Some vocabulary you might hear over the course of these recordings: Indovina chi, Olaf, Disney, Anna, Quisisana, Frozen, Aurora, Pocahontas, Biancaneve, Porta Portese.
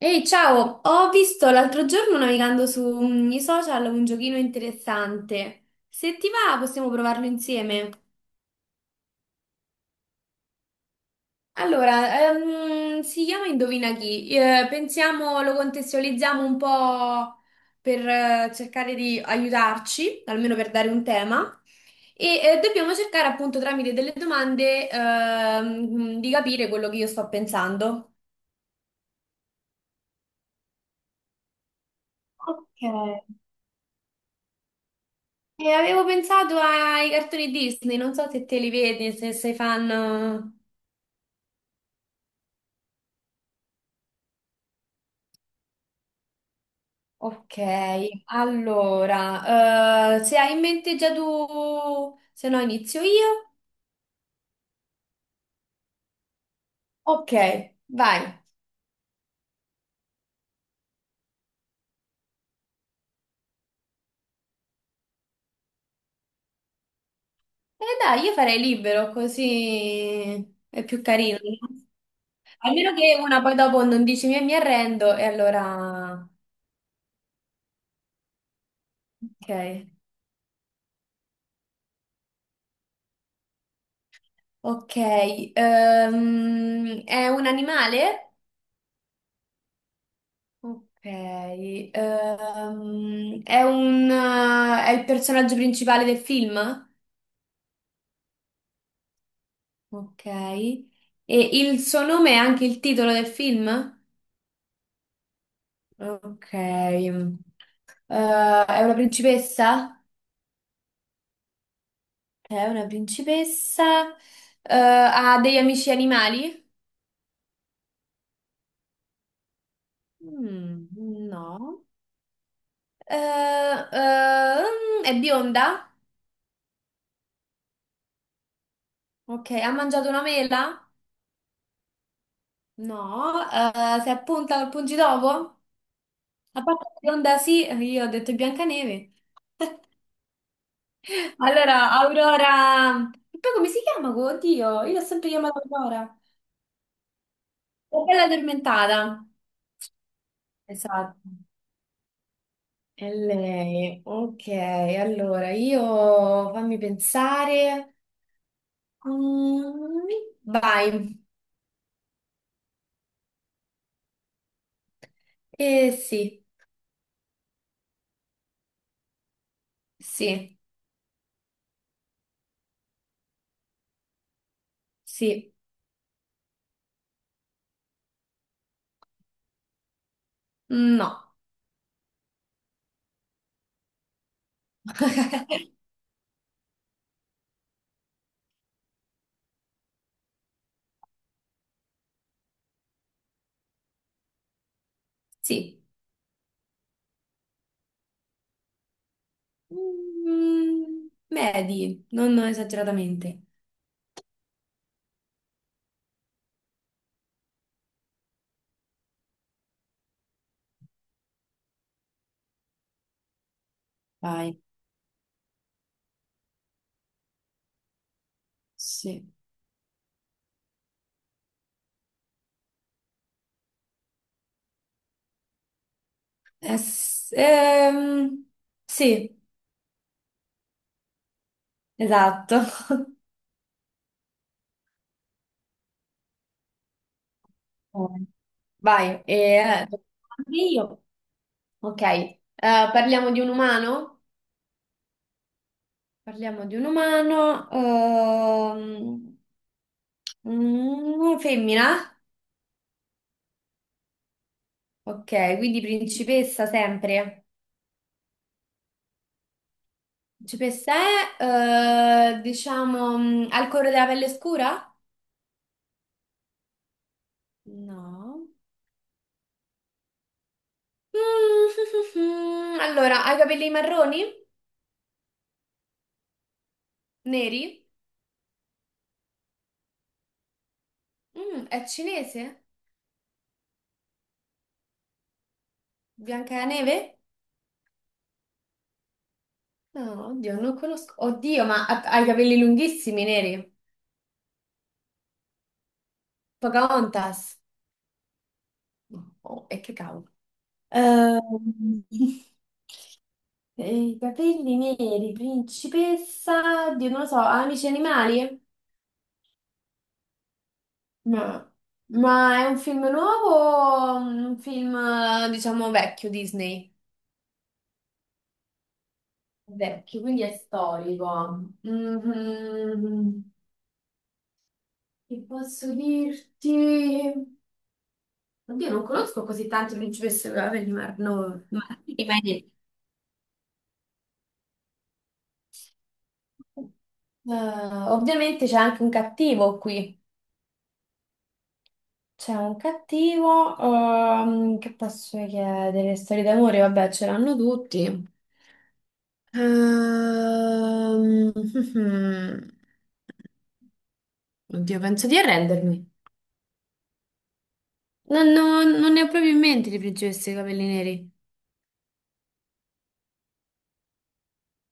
Ehi, ciao! Ho visto l'altro giorno navigando sui social un giochino interessante. Se ti va, possiamo provarlo insieme. Allora, si chiama Indovina chi. Pensiamo, lo contestualizziamo un po' per cercare di aiutarci, almeno per dare un tema. E dobbiamo cercare appunto tramite delle domande di capire quello che io sto pensando. Ok, e avevo pensato ai cartoni Disney, non so se te li vedi, se sei fan. Ok, allora, se hai in mente già tu, se no inizio io. Ok, vai. E dai, io farei libero, così è più carino, no? Almeno che una poi dopo non dici mi arrendo, e allora. Ok, ok. È un animale? Ok, è il personaggio principale del film? Ok, e il suo nome è anche il titolo del film? Ok, Eh, è una principessa? È una principessa. Ha degli amici animali? Mm, no. Eh, è bionda? Ok, ha mangiato una mela? No. Si è appunta al pungitopo? La parte bionda sì, io ho detto Biancaneve. Allora, Aurora. E poi come si chiama? Oddio, io l'ho sempre chiamata Aurora. La bella addormentata. Esatto. E lei, ok, allora io fammi pensare. Mm, Vai. Eh sì, sì, sì, no. Sì. Medi, non esageratamente. Vai. Sì. Eh, s- ehm, sì, esatto. Oh. Vai, e io. Ok, parliamo di un umano? Parliamo di un umano. Femmina? Ok, quindi principessa sempre. Principessa è, diciamo, al colore della pelle scura? No. Allora, ha i capelli marroni? Neri? È cinese? Biancaneve? No, oddio, non conosco. Oddio, ma ha i capelli lunghissimi, neri. Pocahontas. Oh, e che cavolo. Ehm, I capelli neri, principessa, oddio, non lo so, amici animali? No. Ma è un film nuovo o un film, diciamo, vecchio Disney? Vecchio, quindi è storico. Mhm. Che posso dirti? Oddio, non conosco così tante principesse Gravenor, no. Ma prima hai detto- Eh, Ovviamente c'è anche un cattivo qui. C'è un cattivo, che posso chiedere? Storie d'amore, vabbè, ce l'hanno tutti. Ehm, Oddio, penso di arrendermi. Non ne ho proprio in mente di principesse dei capelli neri.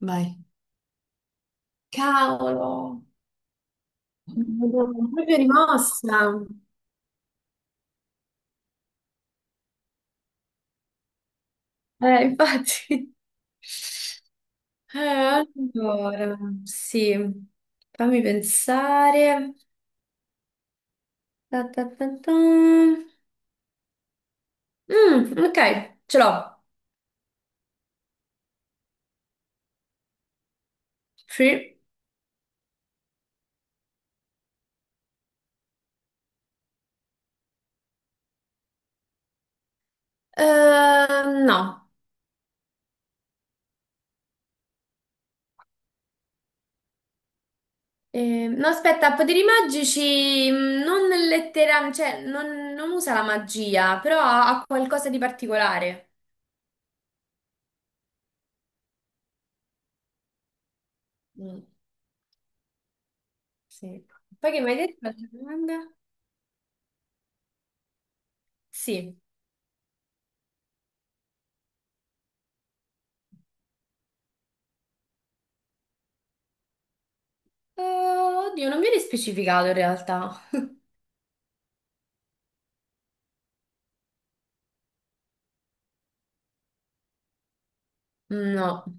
Vai. Cavolo, mi sono proprio rimossa. Infatti. Eh, allora, sì, fammi pensare. Ta ta ta ta. Ok, ce l'ho. Sì. No. No, aspetta, poteri magici non letteralmente, cioè non usa la magia, però ha qualcosa di particolare. Mm, sì. Poi che mi hai detto? Altra domanda? Sì. Oddio, non viene specificato in realtà. No.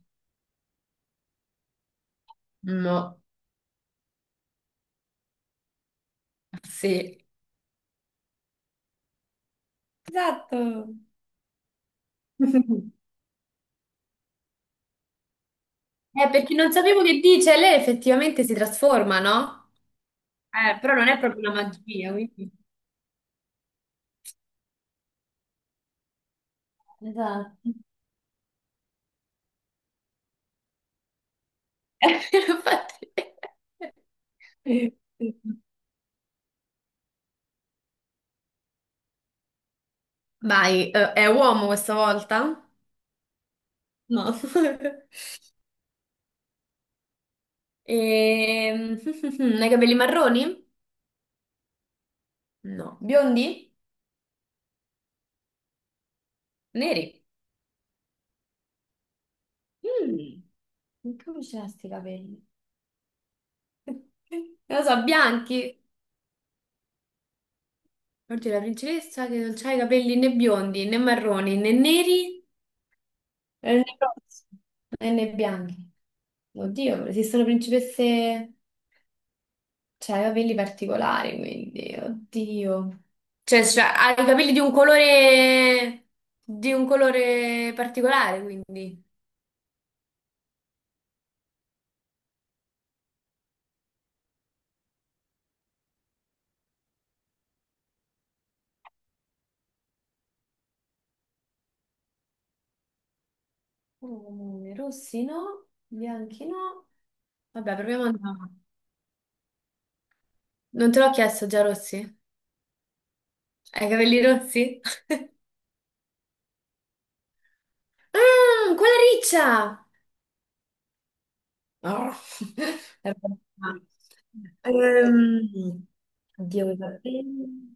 No, sì. Esatto. Perché non sapevo che dice, lei effettivamente si trasforma, no? Però non è proprio una magia, quindi. Esatto. Infatti. Vai, è uomo questa volta? No. Ehm, Ha i capelli marroni? No. Biondi? Neri? Mm. Come ce l'ha sti capelli? Non lo so, bianchi? Oddio, la principessa che non c'ha i capelli né biondi né marroni né neri, né rossi, né bianchi. Oddio, esistono principesse, cioè, i capelli particolari, quindi, oddio. Cioè, ha i capelli di un colore particolare, quindi. Rossi no, bianchi no. Vabbè, proviamo a andare. Non te l'ho chiesto già, rossi? Hai i capelli rossi? Ah, quella riccia! Oh. Ehm, Oddio, i capelli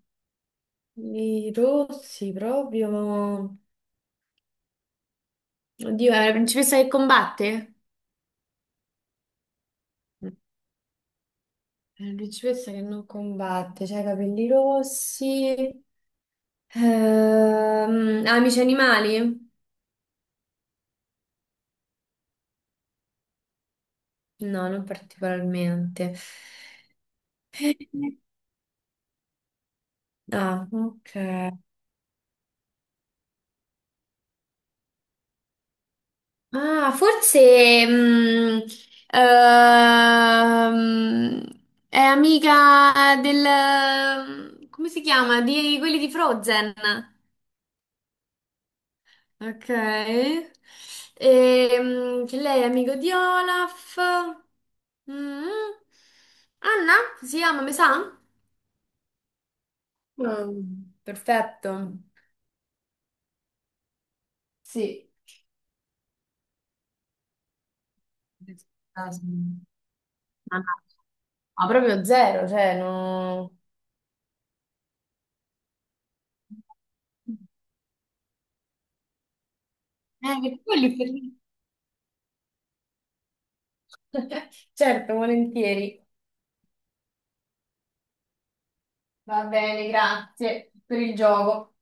rossi proprio. Oddio, è la principessa che combatte? È la principessa che non combatte, cioè i capelli rossi. Amici animali? No, non particolarmente. Eh, Ah, ok. Ah, forse ehm, è amica del, come si chiama? Di quelli di Frozen. Ok. Che lei è amico di Olaf. Mm. Anna si chiama, mi sa? Mm. Perfetto. Sì. Ah, no. Ma proprio zero, cioè no. Perché quelli per lì. Certo, volentieri. Va bene, grazie per il gioco.